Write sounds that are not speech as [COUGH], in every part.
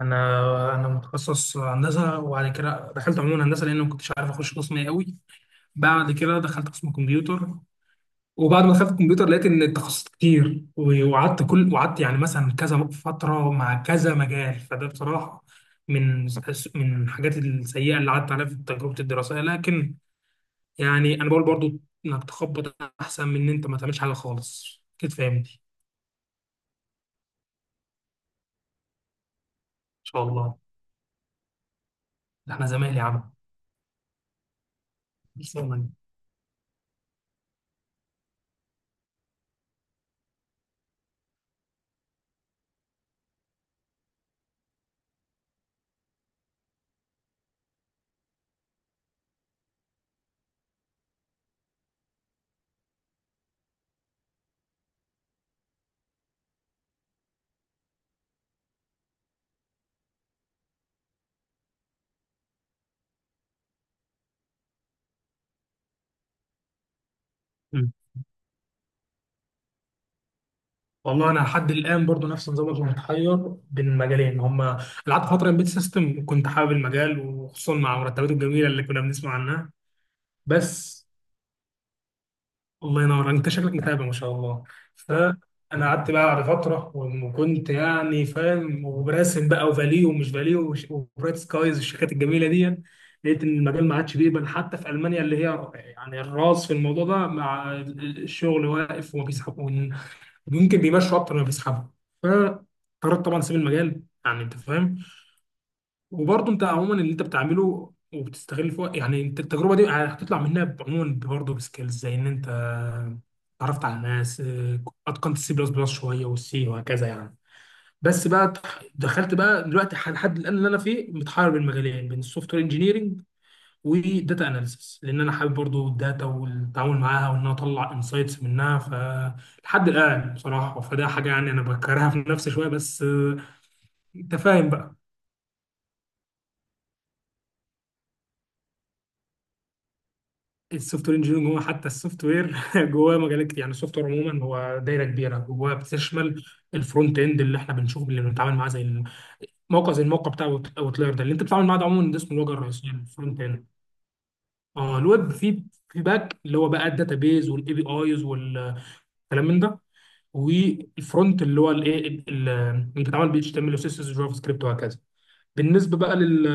انا متخصص هندسه، وبعد كده دخلت عموما هندسه لان ما كنتش عارف اخش قسم ايه قوي. بعد كده دخلت قسم كمبيوتر. وبعد ما دخلت الكمبيوتر لقيت ان التخصصات كتير، و- وقعدت كل وقعدت يعني مثلا كذا فتره مع كذا مجال. فده بصراحه من من الحاجات السيئه اللي قعدت عليها في تجربه الدراسيه. لكن يعني انا بقول برضو انك تخبط احسن من ان انت ما تعملش حاجه خالص كده، فاهمني. ان شاء الله. ده احنا زمايل يا عم. ان شاء الله. والله انا لحد الان برضو نفس نظامك، انا متحير بين المجالين. هما قعدت فتره امبيد سيستم، كنت حابب المجال وخصوصا مع مرتباته الجميله اللي كنا بنسمع عنها. بس الله ينور، انت شكلك متابع ما شاء الله. فانا قعدت بقى بعد فتره وكنت يعني فاهم وبراسم بقى، وفاليو ومش فاليو، وبرايت سكايز، والشركات الجميله دي. لقيت ان المجال ما عادش بيقبل، حتى في المانيا اللي هي يعني الراس في الموضوع ده، مع الشغل واقف وما بيسحبوا، ممكن بيمشوا اكتر ما بيسحبوا. فقررت طبعا اسيب المجال، يعني انت فاهم. وبرضه انت عموما اللي انت بتعمله وبتستغل فيه، يعني انت التجربه دي هتطلع منها عموما برضه بسكيلز، زي ان انت اتعرفت على ناس، اتقنت السي بلس بلس شويه والسي وهكذا يعني. بس بقى دخلت بقى دلوقتي لحد الان اللي انا فيه متحير بين مجالين، بين السوفت وير انجينيرنج وداتا اناليسيس، لان انا حابب برضو الداتا والتعامل معاها وان انا اطلع انسايتس منها. فلحد الان بصراحه فده حاجه يعني انا بكرهها في نفسي شويه، بس انت فاهم بقى. السوفت وير انجينيرنج هو حتى السوفت وير [LAUGHS] جواه مجالات كتير. [LAUGHS] يعني السوفت وير عموما هو دايره كبيره جواه بتشمل الفرونت اند اللي احنا بنشوفه، اللي بنتعامل معاه، زي الموقع بتاع اوتلاير ده اللي انت بتتعامل معاه. ده عموما ده اسمه الواجهه الرئيسيه، الفرونت اند. اه، الويب، في باك اللي هو بقى الداتا بيز والاي بي ايز والكلام من ده. والفرونت اللي هو اللي بيتعمل بي اتش تي ام ال وسي اس جافا سكريبت وهكذا. بالنسبه بقى لل,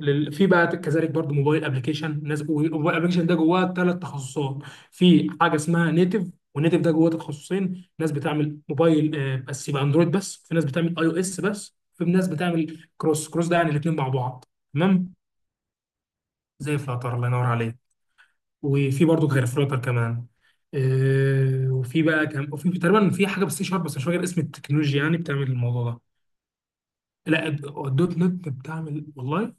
لل... في بقى كذلك برضو موبايل ابلكيشن ناس، والموبايل ابلكيشن ده جواه ثلاث تخصصات. في حاجه اسمها نيتف، والنيتف ده جواه تخصصين، ناس بتعمل موبايل بس يبقى اندرويد بس، في ناس بتعمل اي او اس بس، في ناس بتعمل كروس ده يعني الاثنين مع بعض، تمام. زي الفلاتر، الله ينور عليك. وفي برضه غير فلوتر كمان. وفي بقى كم وفي تقريبا في حاجه بالسي شارب، بس مش فاكر اسم التكنولوجيا يعني بتعمل الموضوع ده. لا، الدوت نت بتعمل والله.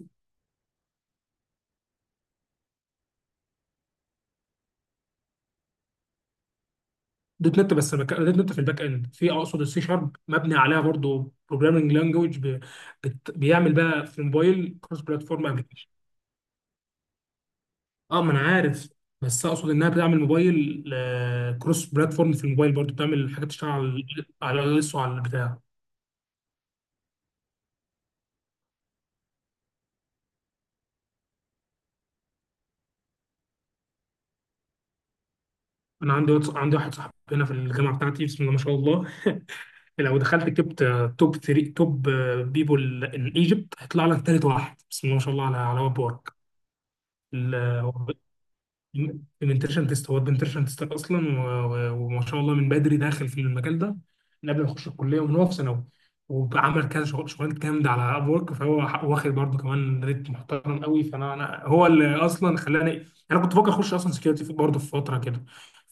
دوت نت، دوت نت في الباك اند، اقصد السي شارب مبني عليها برضه بروجرامنج لانجوج. بيعمل بقى في موبايل كروس بلاتفورم ابلكيشن. اه، ما انا عارف، بس اقصد انها بتعمل موبايل كروس بلاتفورم. في الموبايل برضه بتعمل حاجات تشتغل على الاس وعلى البتاع. انا عندي واحد صاحبي هنا في الجامعه بتاعتي، بسم الله ما شاء الله. لو دخلت كتبت توب 3 توب بيبول ان ايجيبت هيطلع لك ثالث واحد، بسم الله ما شاء الله، على واب وورك. بنتريشن تيست، هو بنتريشن تيست اصلا، و- و- وما شاء الله من بدري داخل في المجال ده، من قبل ما يخش الكليه ومن هو في ثانوي. وعمل كذا شغلانات جامده على اب ورك. فهو واخد برضه كمان ريت محترم قوي. فانا هو اللي اصلا خلاني، انا كنت بفكر اخش اصلا سكيورتي برضه في فتره كده.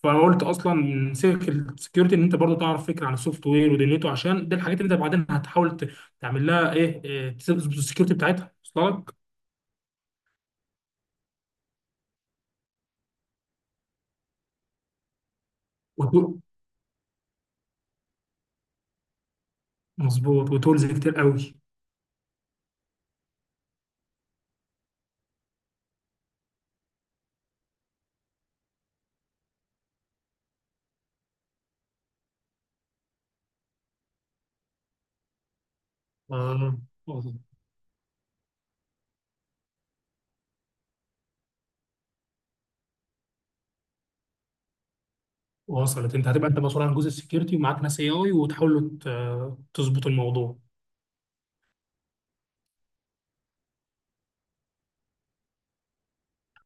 فقلت اصلا من سكه السكيورتي ان انت برضه تعرف فكره عن السوفت وير ودنيته، عشان دي الحاجات اللي انت بعدين هتحاول تعمل لها ايه، تظبط السكيورتي بتاعتها. وصلت لك. وتو- مظبوط، وتولز كتير قوي. آه وصلت، انت هتبقى انت مسؤول عن جزء السكيورتي ومعاك ناس اي اي وتحاولوا تظبطوا الموضوع.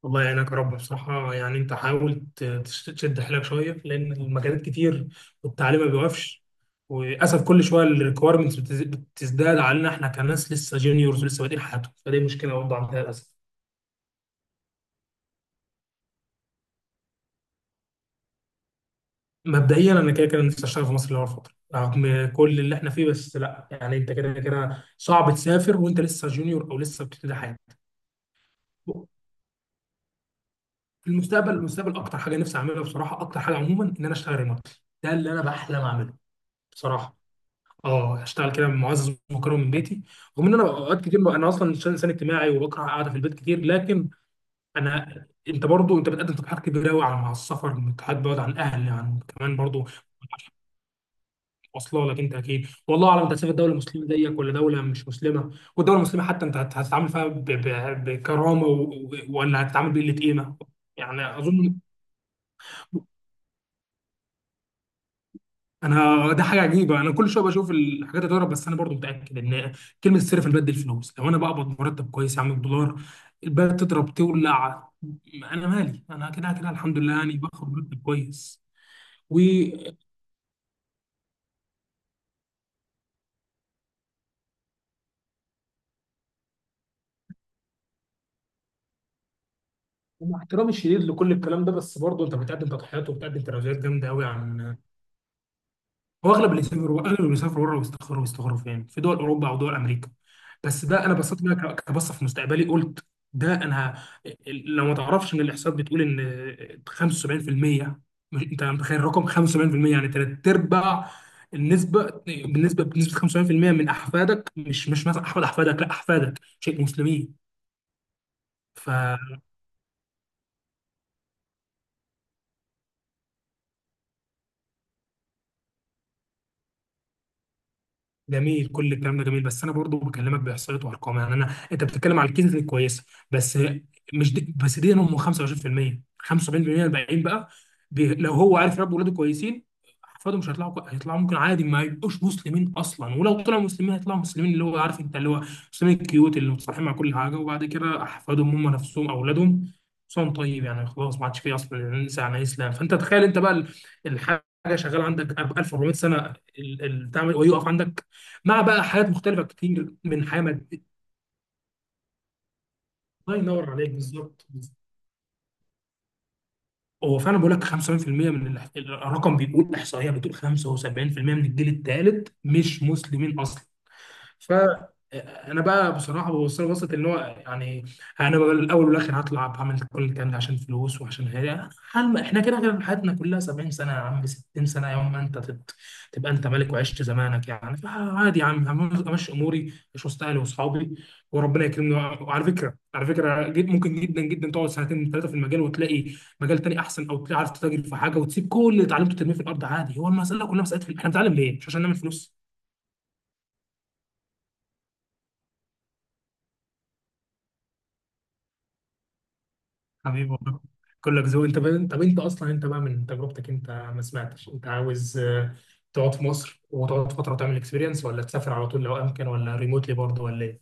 الله يعينك يا رب. بصراحة يعني انت حاول تشد حيلك شوية، لأن المجالات كتير والتعليم ما بيوقفش. وللأسف كل شوية الريكويرمنتس بتزداد علينا، احنا كناس لسه جونيورز ولسه بادئين حياتهم، فدي مشكلة برضه عندنا للأسف. مبدئيا أنا كده كده نفسي أشتغل في مصر لأول فترة، رغم كل اللي احنا فيه، بس لا يعني انت كده كده صعب تسافر وانت لسه جونيور أو لسه بتبتدي حياتك. في المستقبل اكتر حاجه نفسي اعملها بصراحه، اكتر حاجه عموما، ان انا اشتغل ريموتلي. ده اللي انا بحلم اعمله بصراحه. اه، اشتغل كده معزز ومكرم من بيتي، رغم ان انا اوقات كتير انا اصلا إنسان اجتماعي وبكره قاعده في البيت كتير. لكن انت برضو انت بتقدم تقترحات كبيره قوي مع السفر، تقترحات بعد عن الاهل، عن كمان برضو. واصله لك انت اكيد. والله اعلم انت هتسافر دوله مسلمه زيك ولا دوله مش مسلمه، والدوله المسلمه حتى انت هتتعامل فيها بكرامه، ولا هتتعامل بقله قيمه، يعني اظن. انا ده حاجه عجيبه، انا كل شويه بشوف الحاجات تضرب، بس انا برضو متاكد ان كلمه السر في الباد دي الفلوس. لو انا بقبض مرتب كويس يا عم بدولار، الباد تضرب تولع، انا مالي، انا كده كده الحمد لله يعني باخد مرتب كويس. و- ومع احترامي الشديد لكل الكلام ده، بس برضه انت بتقدم تضحيات وبتقدم تراجعات جامده قوي عن... هو اغلب اللي بيسافروا بره بيستقروا فين؟ في دول اوروبا او دول امريكا. بس ده انا بصيت بقى كبصه في مستقبلي، قلت ده انا. لو ما تعرفش، ان الاحصاءات بتقول ان 75%، انت متخيل الرقم 75% يعني ثلاث ارباع النسبه بالنسبه بنسبه 75% من احفادك مش مثلا احفاد احفادك، لا احفادك، شيء مسلمين. ف جميل، كل الكلام ده جميل، بس انا برضو بكلمك باحصائيات وارقام. يعني انت بتتكلم على الكنز الكويسه، بس مش دي بس. دي هم 25%، 75% الباقيين بقى، لو هو عارف يربي ولاده كويسين احفاده مش هيطلعوا، ممكن عادي ما يبقوش مسلمين اصلا، ولو طلعوا مسلمين هيطلعوا مسلمين اللي هو عارف انت اللي هو مسلمين الكيوت اللي متصالحين مع كل حاجه، وبعد كده احفادهم هم نفسهم اولادهم صوم طيب يعني خلاص ما عادش فيه اصلا، ننسى عن الاسلام. فانت تخيل انت بقى الحاجه شغاله عندك 1400 سنه، بتاع ويقف عندك، مع بقى حاجات مختلفه كتير من حياه ماديه. الله ينور عليك، بالظبط بالظبط. هو فعلا بقول لك 75% من الرقم بيقول، احصائيه بتقول 75% من الجيل الثالث مش مسلمين اصلا. فانا بقى بصراحه ببص له، بصت ان هو يعني انا بقى الاول والاخر هطلع بعمل كل الكلام ده عشان فلوس، وعشان غيري حلم. احنا كده كده حياتنا كلها 70 سنه يا عم، 60 سنه، يوم ما انت تبقى انت ملك وعشت زمانك يعني. فعادي يا عم، امشي اموري، اشوف اهلي واصحابي، وربنا يكرمني. وعلى فكره جد، ممكن جدا جدا تقعد سنتين ثلاثه في المجال وتلاقي مجال تاني احسن، او تلاقي عارف تتاجر في حاجه وتسيب كل اللي اتعلمته ترميه في الارض عادي. هو المساله كلها مساله احنا بنتعلم ليه؟ مش عشان نعمل فلوس. حبيبي والله، كلك ذوق. انت بقى، طب انت اصلا انت بقى من تجربتك انت، ما سمعتش انت عاوز تقعد في مصر وتقعد فتره وتعمل اكسبيرينس، ولا تسافر على طول لو امكن، ولا ريموتلي برضه، ولا ايه؟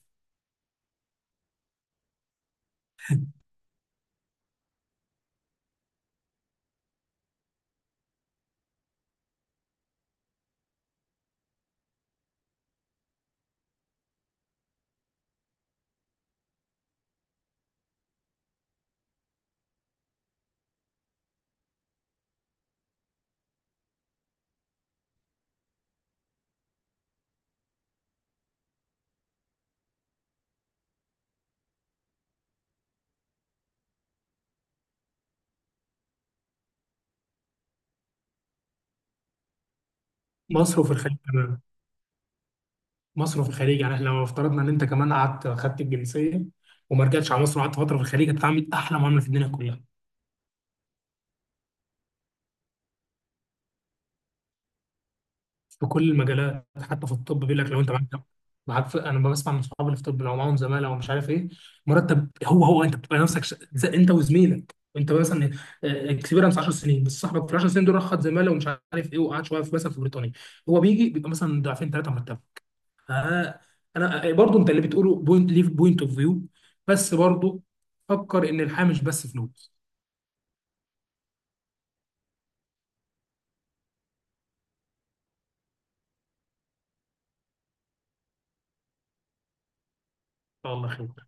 مصر وفي الخليج كمان مصر وفي الخليج يعني احنا لو افترضنا ان انت كمان قعدت خدت الجنسيه وما رجعتش على مصر وقعدت فتره في الخليج، هتتعامل احلى معامله في الدنيا كلها. في كل المجالات حتى في الطب، بيقول لك لو انت معاك انا بسمع من صحابي اللي في الطب، لو معاهم زماله ومش عارف ايه مرتب، هو انت بتبقى نفسك زي انت وزميلك، انت مثلا اكسبيرنس 10 سنين، بس صاحبك في 10 سنين دول راح خد زماله ومش عارف ايه، وقعد شويه في مثلا في بريطانيا، هو بيجي بيبقى مثلا ضعفين ثلاثه مرتبه. آه، انا برضو، انت اللي بتقوله بوينت، ليه بوينت اوف فيو؟ بس برضو فكر ان الحياه مش بس فلوس. الله خير.